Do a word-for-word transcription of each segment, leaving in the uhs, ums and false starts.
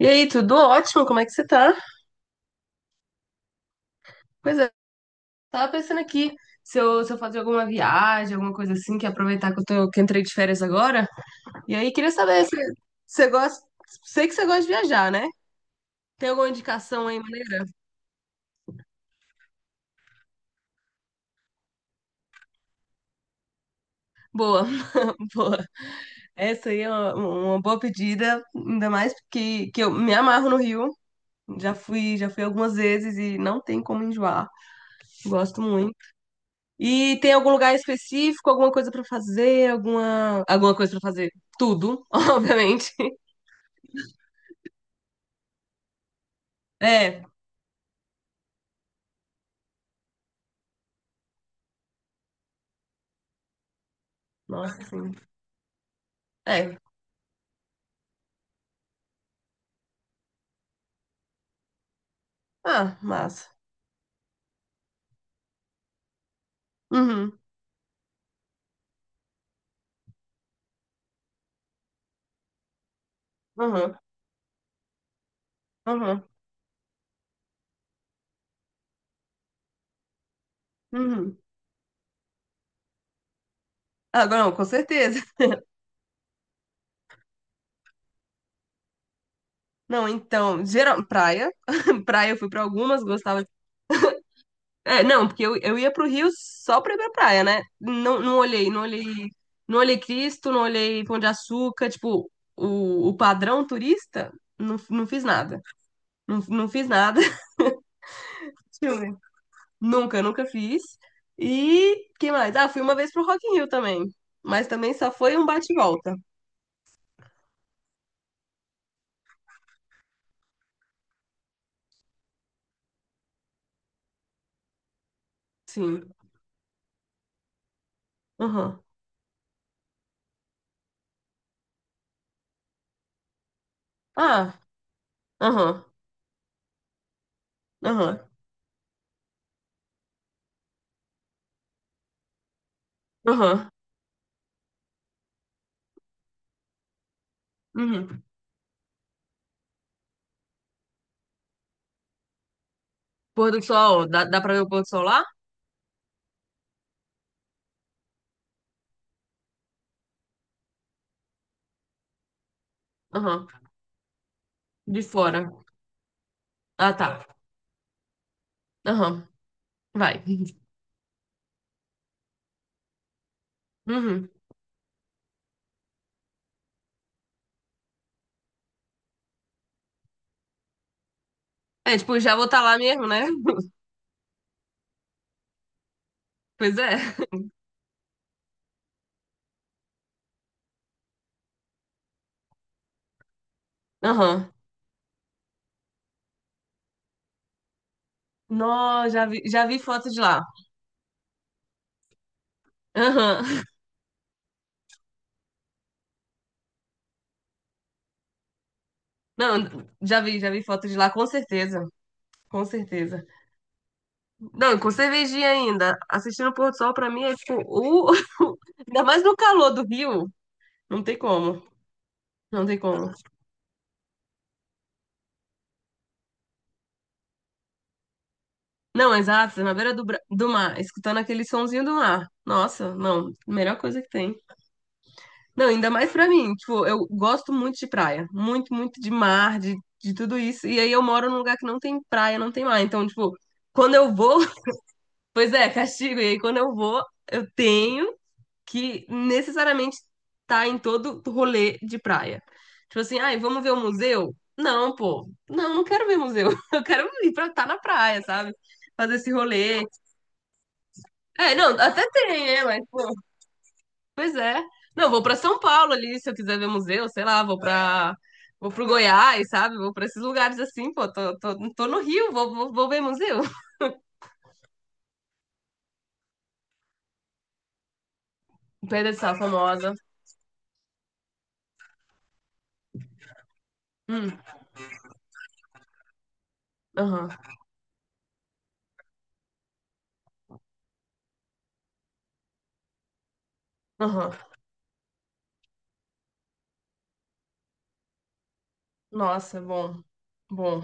E aí, tudo ótimo? Como é que você tá? Pois é, tava pensando aqui se eu, se eu fazer alguma viagem, alguma coisa assim, que aproveitar que eu tô, que eu entrei de férias agora. E aí, queria saber se você gosta. Sei que você gosta de viajar, né? Tem alguma indicação aí, maneira? Boa, boa. Essa aí é uma, uma boa pedida, ainda mais porque que eu me amarro no Rio. Já fui, já fui algumas vezes e não tem como enjoar. Gosto muito. E tem algum lugar específico, alguma coisa pra fazer, alguma alguma coisa pra fazer? Tudo, obviamente. É, nossa, sim. É. Ah, massa. Uhum, uhum, uhum, uhum. Ah, não, com certeza. Não, então, geral, praia. Praia eu fui pra algumas, gostava. É, não, porque eu, eu ia pro Rio só pra ir pra praia, né? Não, não olhei, não olhei, não olhei Cristo, não olhei Pão de Açúcar, tipo, o, o padrão turista, não, não fiz nada. Não, não fiz nada. Deixa eu ver. Nunca, nunca fiz. E que mais? Ah, fui uma vez pro Rock in Rio também. Mas também só foi um bate e volta. Sim. Aham. Ah, aham. Aham. Aham. Uhum. Pôr do sol, dá, dá pra ver o pôr do sol lá? Aham. De fora. Ah, tá. Aham. Vai. Uhum. É, tipo, já vou estar lá mesmo, né? Pois é. Aham. Nó, já vi, já vi foto de lá. Aham. Não, já vi, já vi foto de lá, com certeza. Com certeza. Não, com cervejinha ainda. Assistindo o pôr do sol, pra mim, é tipo, o... ainda mais no calor do Rio. Não tem como. Não tem como. Não, exato, na beira do, bra- do mar, escutando aquele sonzinho do mar. Nossa, não, melhor coisa que tem. Não, ainda mais pra mim. Tipo, eu gosto muito de praia. Muito, muito de mar, de, de tudo isso. E aí eu moro num lugar que não tem praia, não tem mar. Então, tipo, quando eu vou, pois é, castigo. E aí quando eu vou, eu tenho que necessariamente tá em todo rolê de praia. Tipo assim, ai, vamos ver o museu? Não, pô. Não, não quero ver museu. Eu quero ir pra estar na praia, sabe? Fazer esse rolê. É, não, até tem, né? Mas, pô, pois é. Não, vou pra São Paulo ali, se eu quiser ver museu, sei lá, vou pra. Vou pro Goiás, sabe? Vou pra esses lugares assim, pô. Tô, tô, tô no Rio, vou, vou, vou ver museu. Pedra de Sal famosa. Hum, aham, aham. Nossa, bom, bom.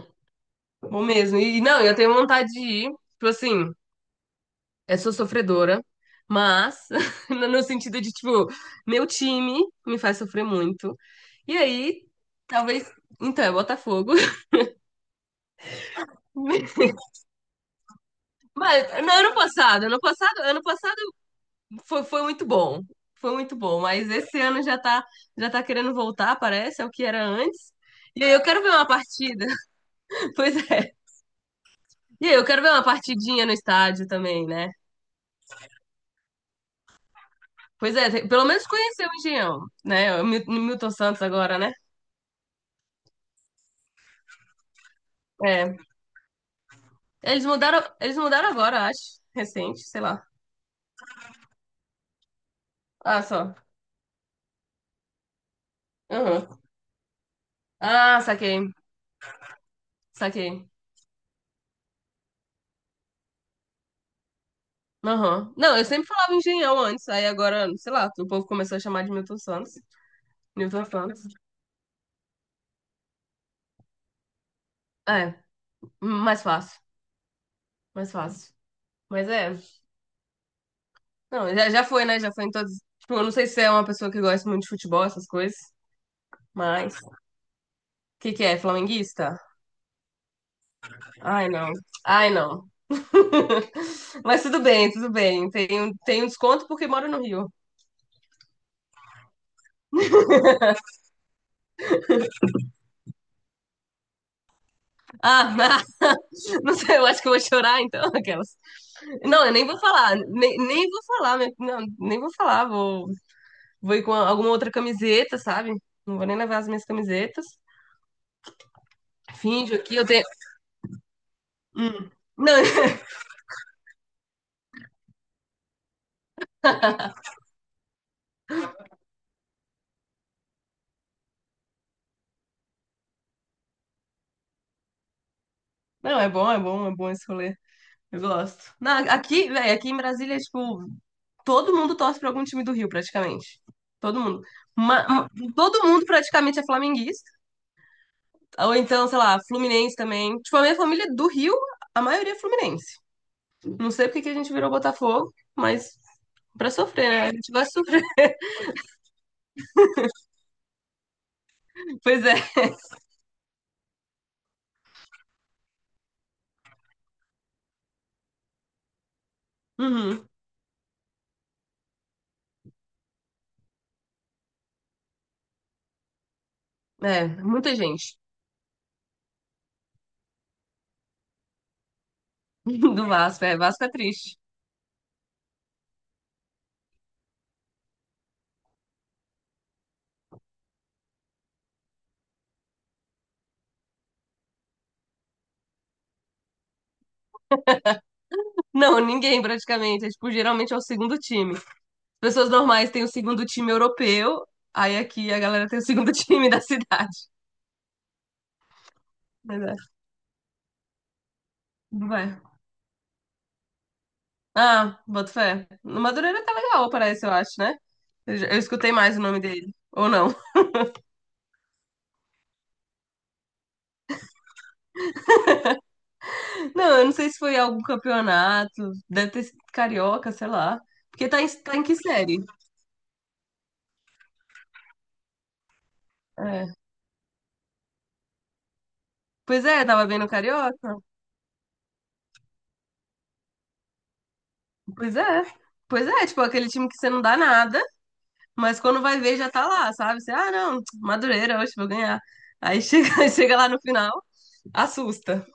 Vou mesmo. E não, eu tenho vontade de ir. Tipo assim, eu sou sofredora, mas no no sentido de, tipo, meu time me faz sofrer muito. E aí, talvez. Então, é Botafogo. Mas no ano passado, ano passado, ano passado foi, foi muito bom. Foi muito bom. Mas esse ano já tá, já tá querendo voltar, parece, ao que era antes. E aí eu quero ver uma partida. Pois é. E aí eu quero ver uma partidinha no estádio também, né? Pois é, tem- pelo menos conheceu o Engenhão, né? O Mil- Milton Santos agora, né? É. Eles mudaram, eles mudaram agora, acho. Recente, sei lá. Ah, só. Aham. Ah, saquei. Saquei. Aham. Não, eu sempre falava Engenhão antes, aí agora, sei lá, o povo começou a chamar de Milton Santos. Milton Santos. É, mais fácil. Mais fácil. Mas é. Não, já, já foi, né? Já foi em todos. Tipo, eu não sei se você é uma pessoa que gosta muito de futebol, essas coisas, mas. O que que é? Flamenguista? Ai, não. Ai, não. Mas tudo bem, tudo bem. Tem, um- tem um desconto porque moro no Rio. Ah, não sei, eu acho que eu vou chorar então, aquelas. Não, eu nem vou falar, nem, nem vou falar, meu- não, nem vou falar. Vou, vou ir com alguma outra camiseta, sabe? Não vou nem levar as minhas camisetas. Finge aqui, eu tenho. Hum. Não, não, é bom, é bom, é bom esse rolê. Eu gosto. Não, aqui, velho, aqui em Brasília, é, tipo, todo mundo torce pra algum time do Rio, praticamente. Todo mundo. Ma- ma- Todo mundo praticamente é flamenguista. Ou então, sei lá, Fluminense também. Tipo, a minha família do Rio, a maioria é Fluminense. Não sei porque que a gente virou Botafogo, mas pra sofrer, né? A gente vai sofrer. Pois é. Uhum. É, muita gente do Vasco. É, Vasco é triste. Não, ninguém praticamente. É, tipo, geralmente é o segundo time. As pessoas normais têm o segundo time europeu, aí aqui a galera tem o segundo time da cidade. Mas é, não vai. Ah, boto fé. No Madureira tá legal, parece, eu acho, né? Eu, já- eu escutei mais o nome dele. Ou não. Não, eu não sei se foi algum campeonato, deve ter sido carioca, sei lá. Porque tá em, tá em que série? É. Pois é, tava vendo o carioca. Pois é. Pois é, tipo, aquele time que você não dá nada, mas quando vai ver já tá lá, sabe? Você, ah, não, Madureira, hoje vou ganhar. Aí chega, chega lá no final, assusta.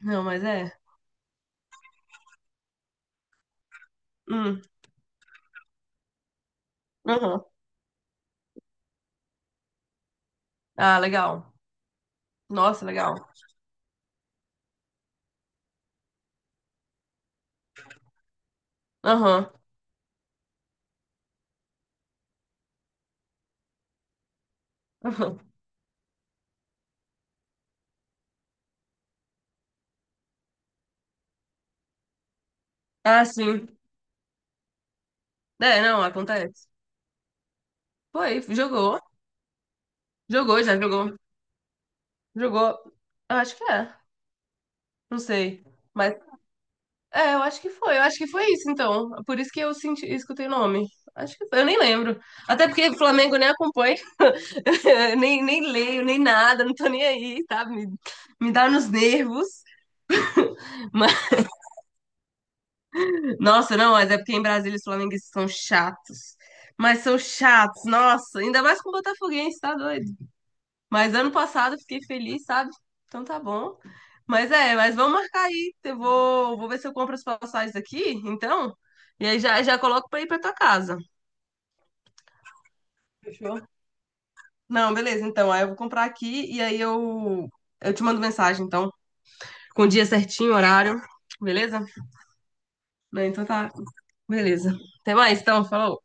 Não, mas é. Hum, aham. Ah, legal. Nossa, legal. Aham, aham. Ah, sim. É, não, acontece. Foi, jogou. Jogou, já jogou. Jogou. Eu acho que é. Não sei. Mas é, eu acho que foi. Eu acho que foi isso, então. Por isso que eu senti, escutei o nome. Acho que foi. Eu nem lembro. Até porque Flamengo nem acompanho. Nem, nem leio, nem nada. Não tô nem aí, sabe? Me, me dá nos nervos. Mas, nossa, não, mas é porque em Brasília os flamenguistas são chatos. Mas são chatos, nossa. Ainda mais com o Botafoguense, tá doido? Mas ano passado eu fiquei feliz, sabe? Então tá bom. Mas é, mas vamos marcar aí. Eu vou, vou ver se eu compro as passagens aqui, então. E aí já, já coloco pra ir pra tua casa. Fechou? Não, beleza, então. Aí eu vou comprar aqui e aí eu, eu te mando mensagem, então. Com o dia certinho, horário. Beleza? Não, então tá. Beleza. Até mais, então. Falou.